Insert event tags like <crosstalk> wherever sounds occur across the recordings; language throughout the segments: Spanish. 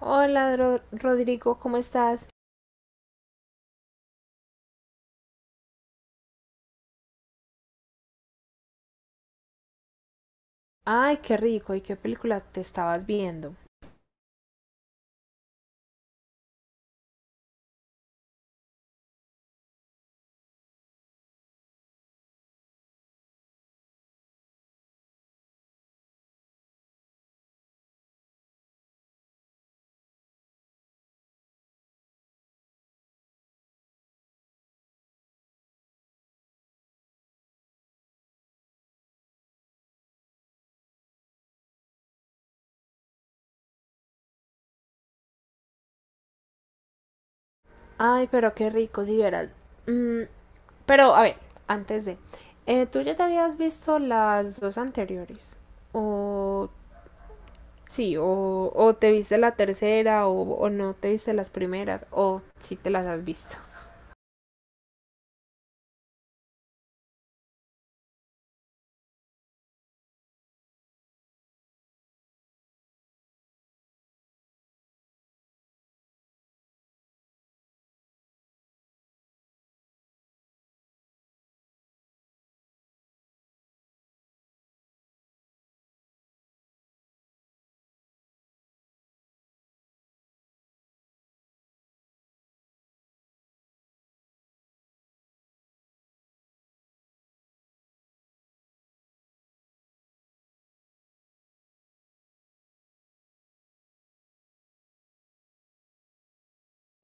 Hola, Rodrigo, ¿cómo estás? Ay, qué rico, ¿y qué película te estabas viendo? Ay, pero qué rico, si vieras. Mm, pero, a ver, antes de... ¿tú ya te habías visto las dos anteriores? O... Sí, o te viste la tercera, o no te viste las primeras, o si te las has visto.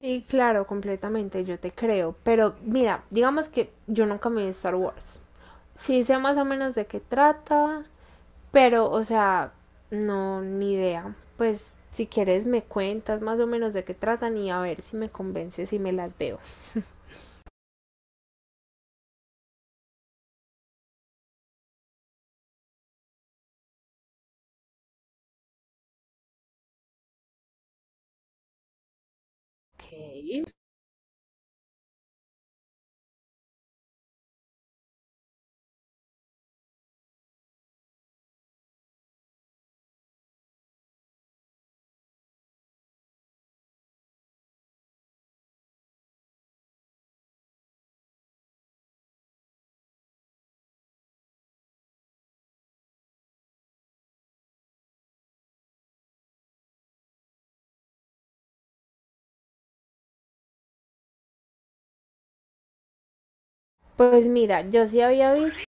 Y claro, completamente, yo te creo. Pero mira, digamos que yo nunca me vi Star Wars. Sí sé más o menos de qué trata. Pero, o sea, no, ni idea. Pues si quieres me cuentas más o menos de qué tratan y a ver si me convences y me las veo. Ok. Pues mira, yo sí había visto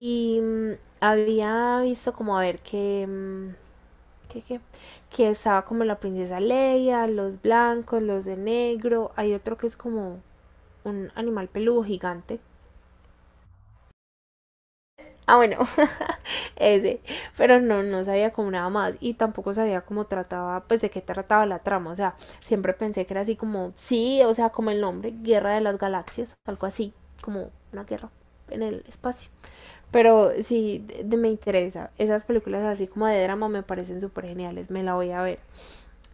y había visto, como a ver que, que, que estaba como la princesa Leia, los blancos, los de negro. Hay otro que es como un animal peludo gigante. Ah, bueno, <laughs> ese. Pero no, no sabía como nada más y tampoco sabía cómo trataba, pues de qué trataba la trama. O sea, siempre pensé que era así como, sí, o sea, como el nombre, Guerra de las Galaxias, algo así, como una guerra en el espacio. Pero sí, me interesa. Esas películas así como de drama me parecen súper geniales, me la voy a ver.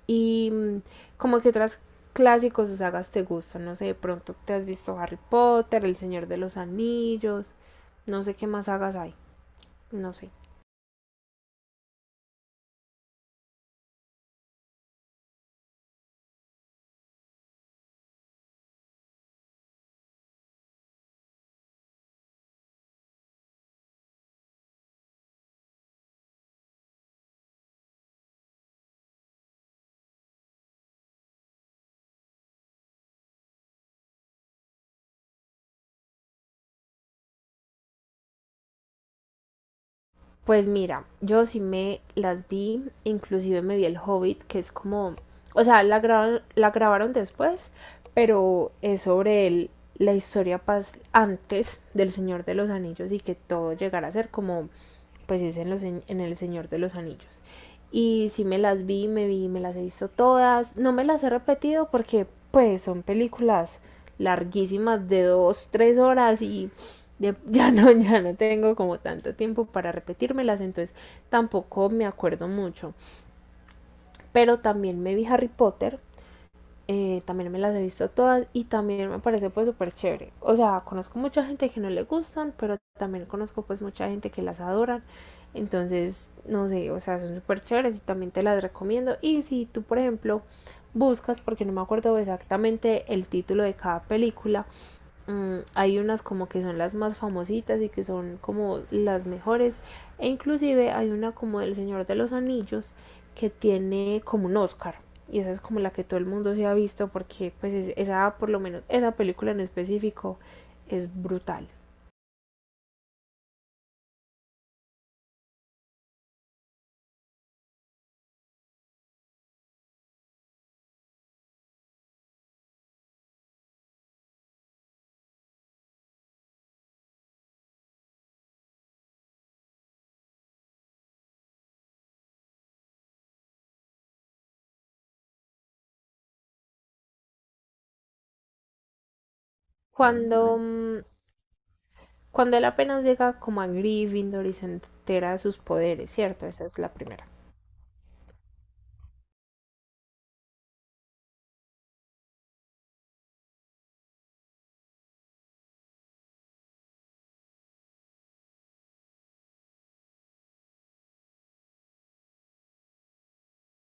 Y mm, Como que otras clásicos o sagas te gustan, no sé, de pronto te has visto Harry Potter, El Señor de los Anillos, no sé qué más sagas hay, no sé. Pues mira, yo sí me las vi, inclusive me vi El Hobbit, que es como, o sea, la grabaron después, pero es sobre el, la historia pas antes del Señor de los Anillos y que todo llegara a ser como, pues es en, los, en El Señor de los Anillos. Y sí me las vi, me las he visto todas, no me las he repetido porque pues son películas larguísimas de dos, tres horas y ya, <laughs> ya no tengo como tanto tiempo para repetírmelas, entonces tampoco me acuerdo mucho. Pero también me vi Harry Potter, también me las he visto todas y también me parece pues súper chévere. O sea, conozco mucha gente que no le gustan, pero también conozco pues mucha gente que las adoran. Entonces, no sé, o sea, son súper chéveres y también te las recomiendo. Y si tú, por ejemplo, buscas, porque no me acuerdo exactamente el título de cada película. Hay unas como que son las más famositas y que son como las mejores. E inclusive hay una como del Señor de los Anillos que tiene como un Oscar. Y esa es como la que todo el mundo se ha visto porque esa, por lo menos esa película en específico es brutal. Cuando, mm, cuando él apenas llega como a Gryffindor y se entera de sus poderes, ¿cierto? Esa es la primera.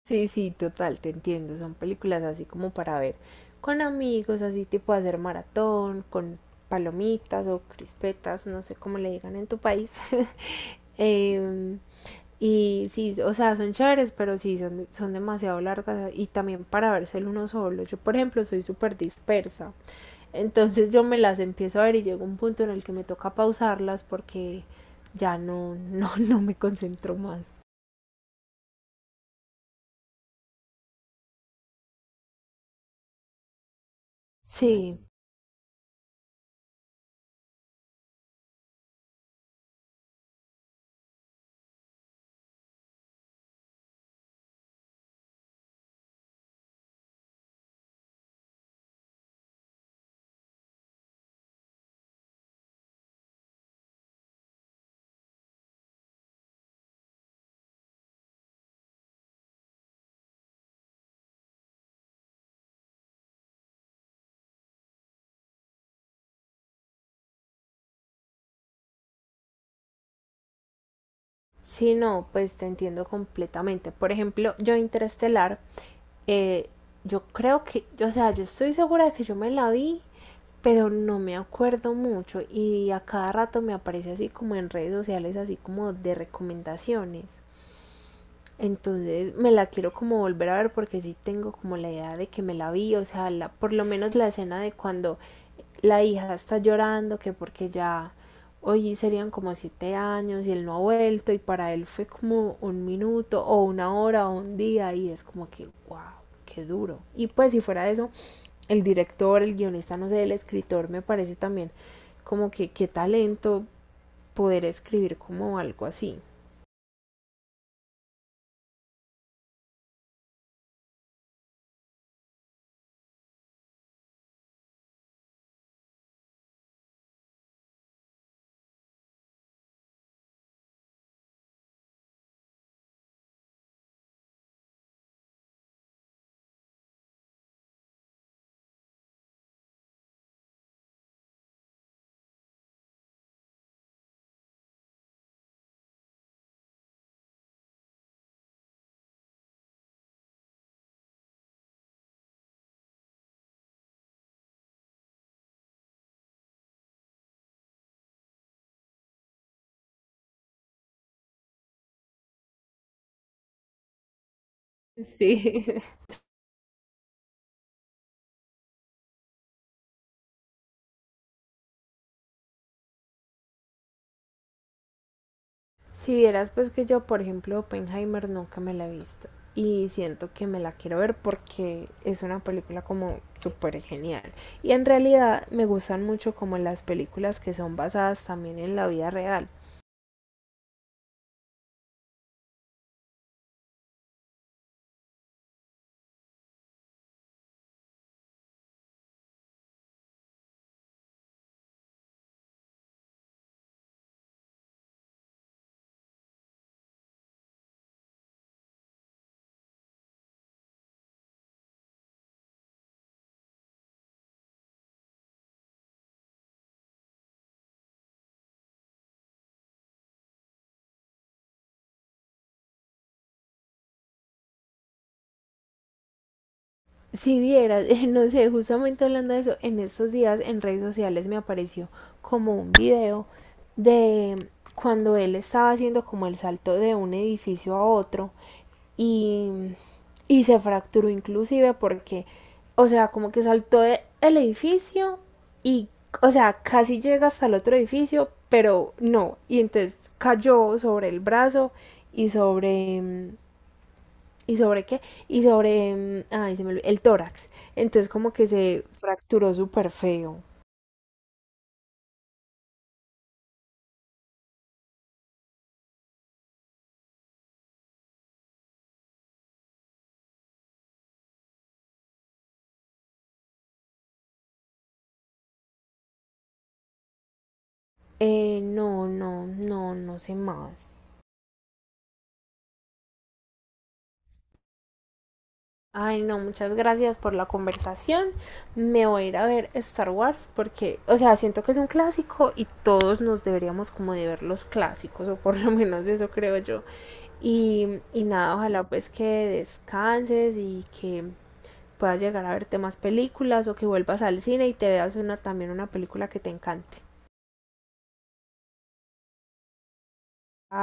Sí, sí, total, te entiendo. Son películas así como para ver con amigos, así tipo hacer maratón, con palomitas o crispetas, no sé cómo le digan en tu país. <laughs> Em, y sí, o sea, son chéveres, pero sí, son, son demasiado largas y también para verse uno solo. Yo, por ejemplo, soy súper dispersa. Entonces yo me las empiezo a ver y llega un punto en el que me toca pausarlas porque ya no, no, <laughs> no me concentro más. Sí. Sí, no, pues te entiendo completamente. Por ejemplo, yo Interestelar, eh, yo creo que, o sea, yo estoy segura de que yo me la vi, pero no me acuerdo mucho y a cada rato me aparece así como en redes sociales, así como de recomendaciones. Entonces me la quiero como volver a ver porque sí tengo como la idea de que me la vi, o sea, la, por lo menos la escena de cuando la hija está llorando que porque ya hoy serían como siete años y él no ha vuelto y para él fue como un minuto o una hora o un día y es como que, wow, qué duro. Y pues si fuera eso, el director, el guionista, no sé, el escritor me parece también como que qué talento poder escribir como algo así. Sí. <laughs> Si vieras pues que yo, por ejemplo, Oppenheimer nunca me la he visto y siento que me la quiero ver porque es una película como súper genial. Y en realidad me gustan mucho como las películas que son basadas también en la vida real. Si vieras, <laughs> no sé, justamente hablando de eso, en estos días en redes sociales me apareció como un video de cuando él estaba haciendo como el salto de un edificio a otro y, y se fracturó inclusive porque, o sea, como que saltó del edificio y, o sea, casi llega hasta el otro edificio, pero no, y entonces cayó sobre el brazo y ¿y sobre qué? Y sobre, ay, se me olvidó, el tórax. Entonces como que se fracturó súper feo. No, no, no, no sé más. Ay, no, muchas gracias por la conversación. Me voy a ir a ver Star Wars porque, o sea, siento que es un clásico y todos nos deberíamos como de ver los clásicos, o por lo menos eso creo yo. Y nada, ojalá pues que descanses y que puedas llegar a verte más películas o que vuelvas al cine y te veas una también una película que te encante. Ah.